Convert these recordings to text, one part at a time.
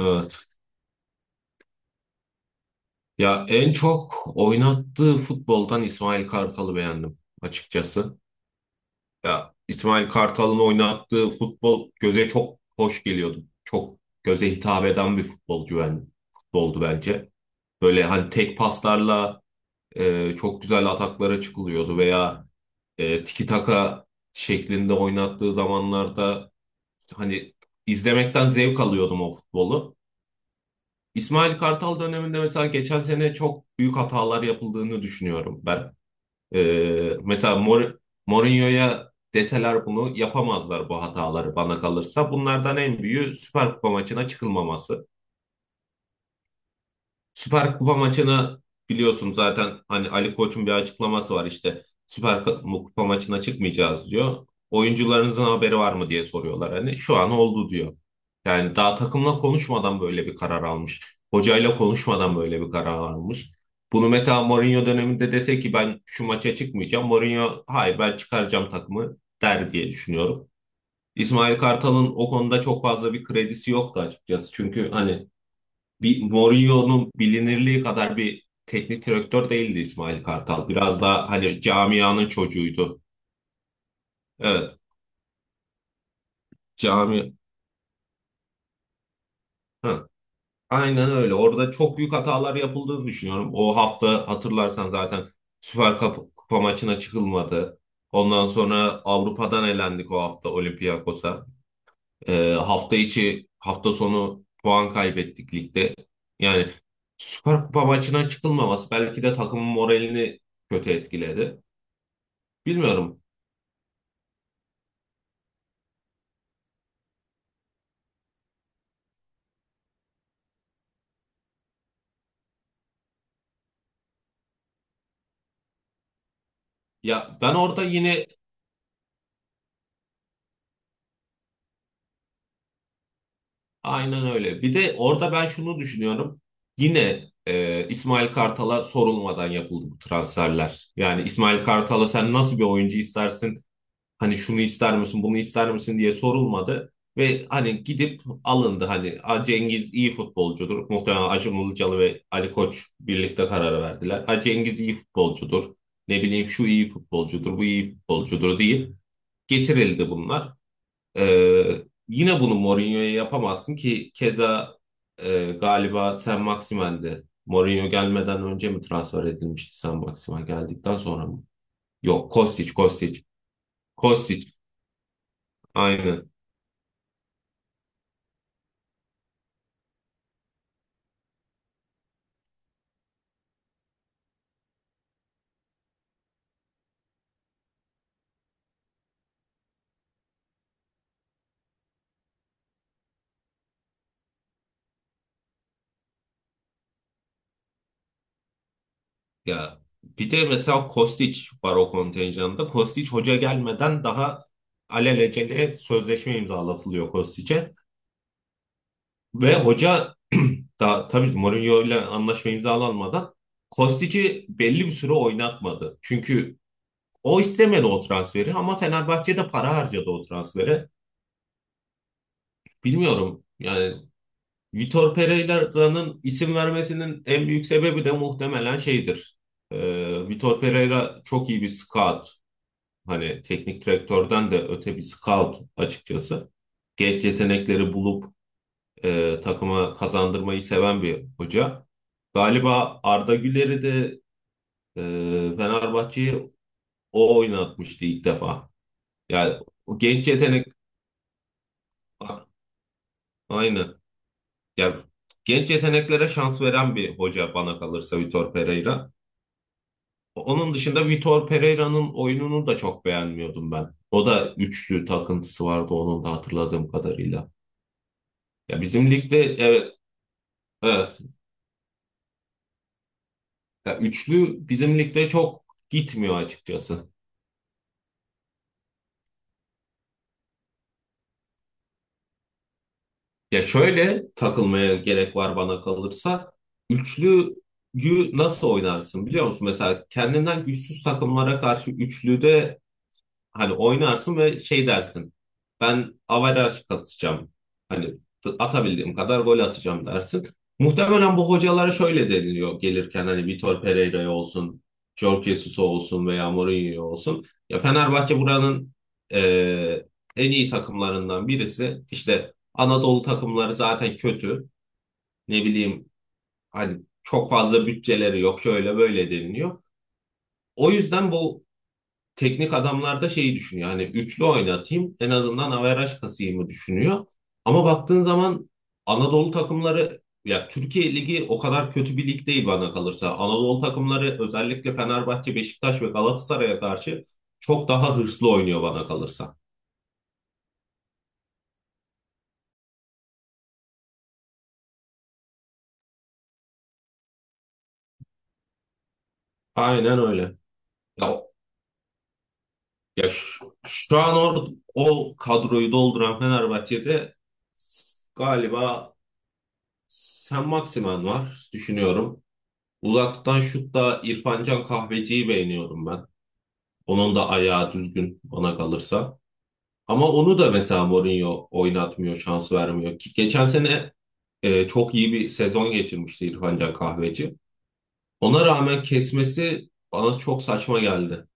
Evet. Ya en çok oynattığı futboldan İsmail Kartal'ı beğendim açıkçası. Ya İsmail Kartal'ın oynattığı futbol göze çok hoş geliyordu. Çok göze hitap eden bir futbolcu ben, futboldu bence. Böyle hani tek paslarla çok güzel ataklara çıkılıyordu veya tiki taka şeklinde oynattığı zamanlarda hani izlemekten zevk alıyordum o futbolu. İsmail Kartal döneminde mesela geçen sene çok büyük hatalar yapıldığını düşünüyorum ben. Mesela Mourinho'ya deseler bunu yapamazlar bu hataları bana kalırsa. Bunlardan en büyüğü Süper Kupa maçına çıkılmaması. Süper Kupa maçını biliyorsun zaten hani Ali Koç'un bir açıklaması var, işte Süper Kupa maçına çıkmayacağız diyor. Oyuncularınızın haberi var mı diye soruyorlar, hani şu an oldu diyor. Yani daha takımla konuşmadan böyle bir karar almış. Hocayla konuşmadan böyle bir karar almış. Bunu mesela Mourinho döneminde dese ki ben şu maça çıkmayacağım, Mourinho hayır ben çıkaracağım takımı der diye düşünüyorum. İsmail Kartal'ın o konuda çok fazla bir kredisi yoktu açıkçası. Çünkü hani bir Mourinho'nun bilinirliği kadar bir teknik direktör değildi İsmail Kartal. Biraz daha hani camianın çocuğuydu. Evet, cami. Hı, aynen öyle. Orada çok büyük hatalar yapıldığını düşünüyorum. O hafta hatırlarsan zaten Süper Kupa, Kupa maçına çıkılmadı. Ondan sonra Avrupa'dan elendik o hafta Olympiakos'a. Hafta içi, hafta sonu puan kaybettik ligde. Yani Süper Kupa maçına çıkılmaması belki de takımın moralini kötü etkiledi. Bilmiyorum. Ya ben orada yine aynen öyle. Bir de orada ben şunu düşünüyorum. Yine İsmail Kartal'a sorulmadan yapıldı bu transferler. Yani İsmail Kartal'a sen nasıl bir oyuncu istersin? Hani şunu ister misin, bunu ister misin diye sorulmadı. Ve hani gidip alındı. Hani "A, Cengiz iyi futbolcudur. Muhtemelen Acun Ilıcalı ve Ali Koç birlikte karar verdiler. Ha, Cengiz iyi futbolcudur. Ne bileyim, şu iyi futbolcudur, bu iyi futbolcudur" deyip getirildi bunlar. Yine bunu Mourinho'ya yapamazsın ki, keza galiba Sen Maximen'di. Mourinho gelmeden önce mi transfer edilmişti, Sen Maximen geldikten sonra mı? Yok, Kostic, Kostic. Kostic, aynen. Ya bir de mesela Kostic var o kontenjanda. Kostic, hoca gelmeden daha alelacele sözleşme imzalatılıyor Kostic'e. Ve hoca da tabii, Mourinho ile anlaşma imzalanmadan Kostic'i belli bir süre oynatmadı. Çünkü o istemedi o transferi, ama Fenerbahçe de para harcadı o transfere. Bilmiyorum yani, Vitor Pereira'nın isim vermesinin en büyük sebebi de muhtemelen şeydir. Vitor Pereira çok iyi bir scout. Hani teknik direktörden de öte bir scout açıkçası. Genç yetenekleri bulup takıma kazandırmayı seven bir hoca. Galiba Arda Güler'i de e, Fenerbahçe'yi o oynatmıştı ilk defa. Yani o genç yetenek. Aynen. Ya genç yeteneklere şans veren bir hoca bana kalırsa Vitor Pereira. Onun dışında Vitor Pereira'nın oyununu da çok beğenmiyordum ben. O da üçlü takıntısı vardı onun da, hatırladığım kadarıyla. Ya bizim ligde, evet, evet. Ya üçlü bizim ligde çok gitmiyor açıkçası. Ya şöyle, takılmaya gerek var bana kalırsa. Üçlüyü nasıl oynarsın biliyor musun? Mesela kendinden güçsüz takımlara karşı üçlüde hani oynarsın ve şey dersin. Ben averaj kasacağım. Hani atabildiğim kadar gol atacağım dersin. Muhtemelen bu hocalara şöyle deniliyor gelirken, hani Vitor Pereira olsun, Jorge Jesus'a olsun veya Mourinho'ya olsun. Ya Fenerbahçe buranın eee, en iyi takımlarından birisi. İşte Anadolu takımları zaten kötü. Ne bileyim, hani çok fazla bütçeleri yok, şöyle böyle deniliyor. O yüzden bu teknik adamlar da şeyi düşünüyor. Hani üçlü oynatayım, en azından averaj kasayımı düşünüyor. Ama baktığın zaman Anadolu takımları, ya Türkiye Ligi o kadar kötü bir lig değil bana kalırsa. Anadolu takımları özellikle Fenerbahçe, Beşiktaş ve Galatasaray'a karşı çok daha hırslı oynuyor bana kalırsa. Aynen öyle. Ya, ya şu an o kadroyu dolduran Fenerbahçe'de galiba Sen Maximen var düşünüyorum. Uzaktan şutta İrfan Can Kahveci'yi beğeniyorum ben. Onun da ayağı düzgün bana kalırsa. Ama onu da mesela Mourinho oynatmıyor, şans vermiyor. Ki geçen sene çok iyi bir sezon geçirmişti İrfan Can Kahveci. Ona rağmen kesmesi bana çok saçma geldi.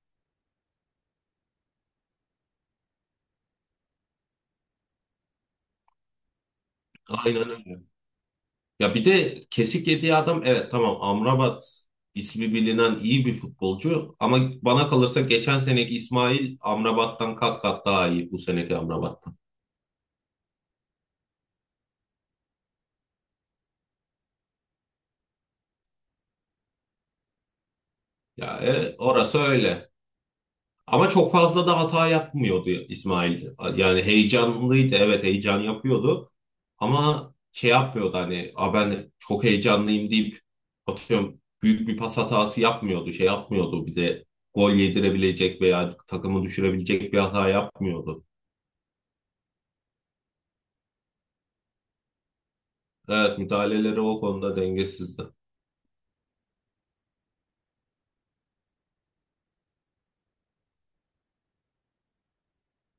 Aynen öyle. Ya bir de kesik yediği adam, evet tamam Amrabat ismi bilinen iyi bir futbolcu, ama bana kalırsa geçen seneki İsmail Amrabat'tan kat kat daha iyi bu seneki Amrabat. Ya evet, orası öyle. Ama çok fazla da hata yapmıyordu İsmail. Yani heyecanlıydı, evet heyecan yapıyordu. Ama şey yapmıyordu, hani "Aa, ben çok heyecanlıyım" deyip, atıyorum, büyük bir pas hatası yapmıyordu. Şey yapmıyordu, bize gol yedirebilecek veya takımı düşürebilecek bir hata yapmıyordu. Evet, müdahaleleri o konuda dengesizdi.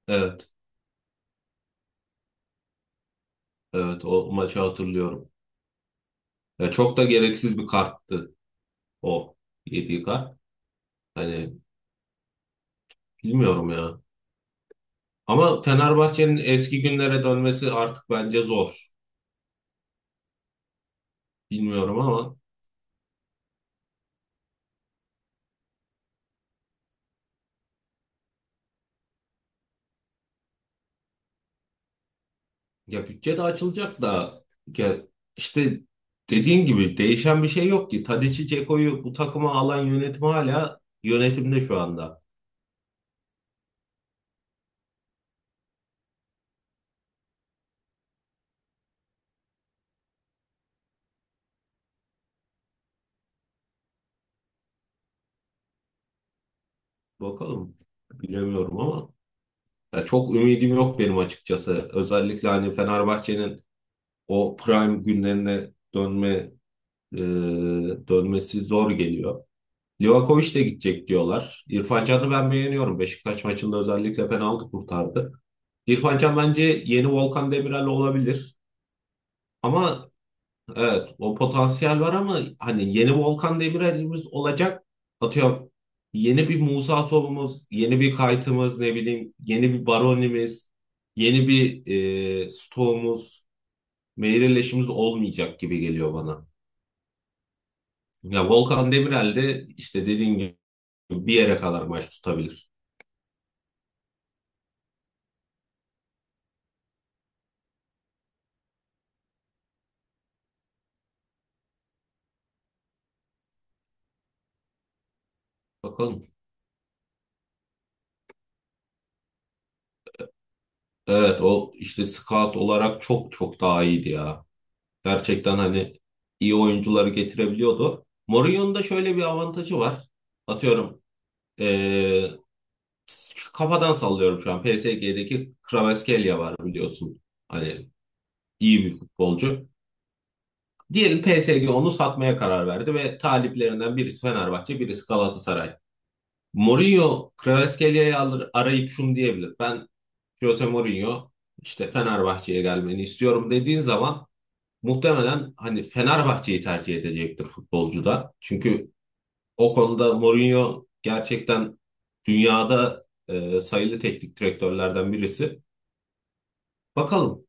Evet, evet, o maçı hatırlıyorum. Ya çok da gereksiz bir karttı o yediği kart. Hani bilmiyorum ya. Ama Fenerbahçe'nin eski günlere dönmesi artık bence zor. Bilmiyorum ama, ya bütçe de açılacak da, ya işte dediğin gibi değişen bir şey yok ki. Tadici, Ceko'yu bu takıma alan yönetim hala yönetimde şu anda. Bakalım. Bilemiyorum ama, ya çok ümidim yok benim açıkçası. Özellikle hani Fenerbahçe'nin o prime günlerine dönme e, dönmesi zor geliyor. Livakovic de gidecek diyorlar. İrfan Can'ı ben beğeniyorum. Beşiktaş maçında özellikle penaltı kurtardı. İrfan Can bence yeni Volkan Demirel olabilir. Ama evet, o potansiyel var ama hani yeni Volkan Demirel'imiz olacak. Atıyorum, yeni bir Musa Sow'umuz, yeni bir Kayt'ımız, ne bileyim yeni bir Baroni'miz, yeni bir Stoğ'umuz, Meireles olmayacak gibi geliyor bana. Ya Volkan Demirel de işte dediğin gibi bir yere kadar maç tutabilir. Bakalım. Evet, o işte scout olarak çok çok daha iyiydi ya. Gerçekten hani iyi oyuncuları getirebiliyordu. Mourinho'nun da şöyle bir avantajı var. Atıyorum eee, şu kafadan sallıyorum şu an. PSG'deki Kvaratskhelia var biliyorsun. Hani iyi bir futbolcu. Diyelim PSG onu satmaya karar verdi ve taliplerinden birisi Fenerbahçe, birisi Galatasaray. Mourinho Kvaratskhelia'yı alır, arayıp şunu diyebilir. Ben Jose Mourinho işte Fenerbahçe'ye gelmeni istiyorum dediğin zaman muhtemelen hani Fenerbahçe'yi tercih edecektir futbolcu da. Çünkü o konuda Mourinho gerçekten dünyada sayılı teknik direktörlerden birisi. Bakalım.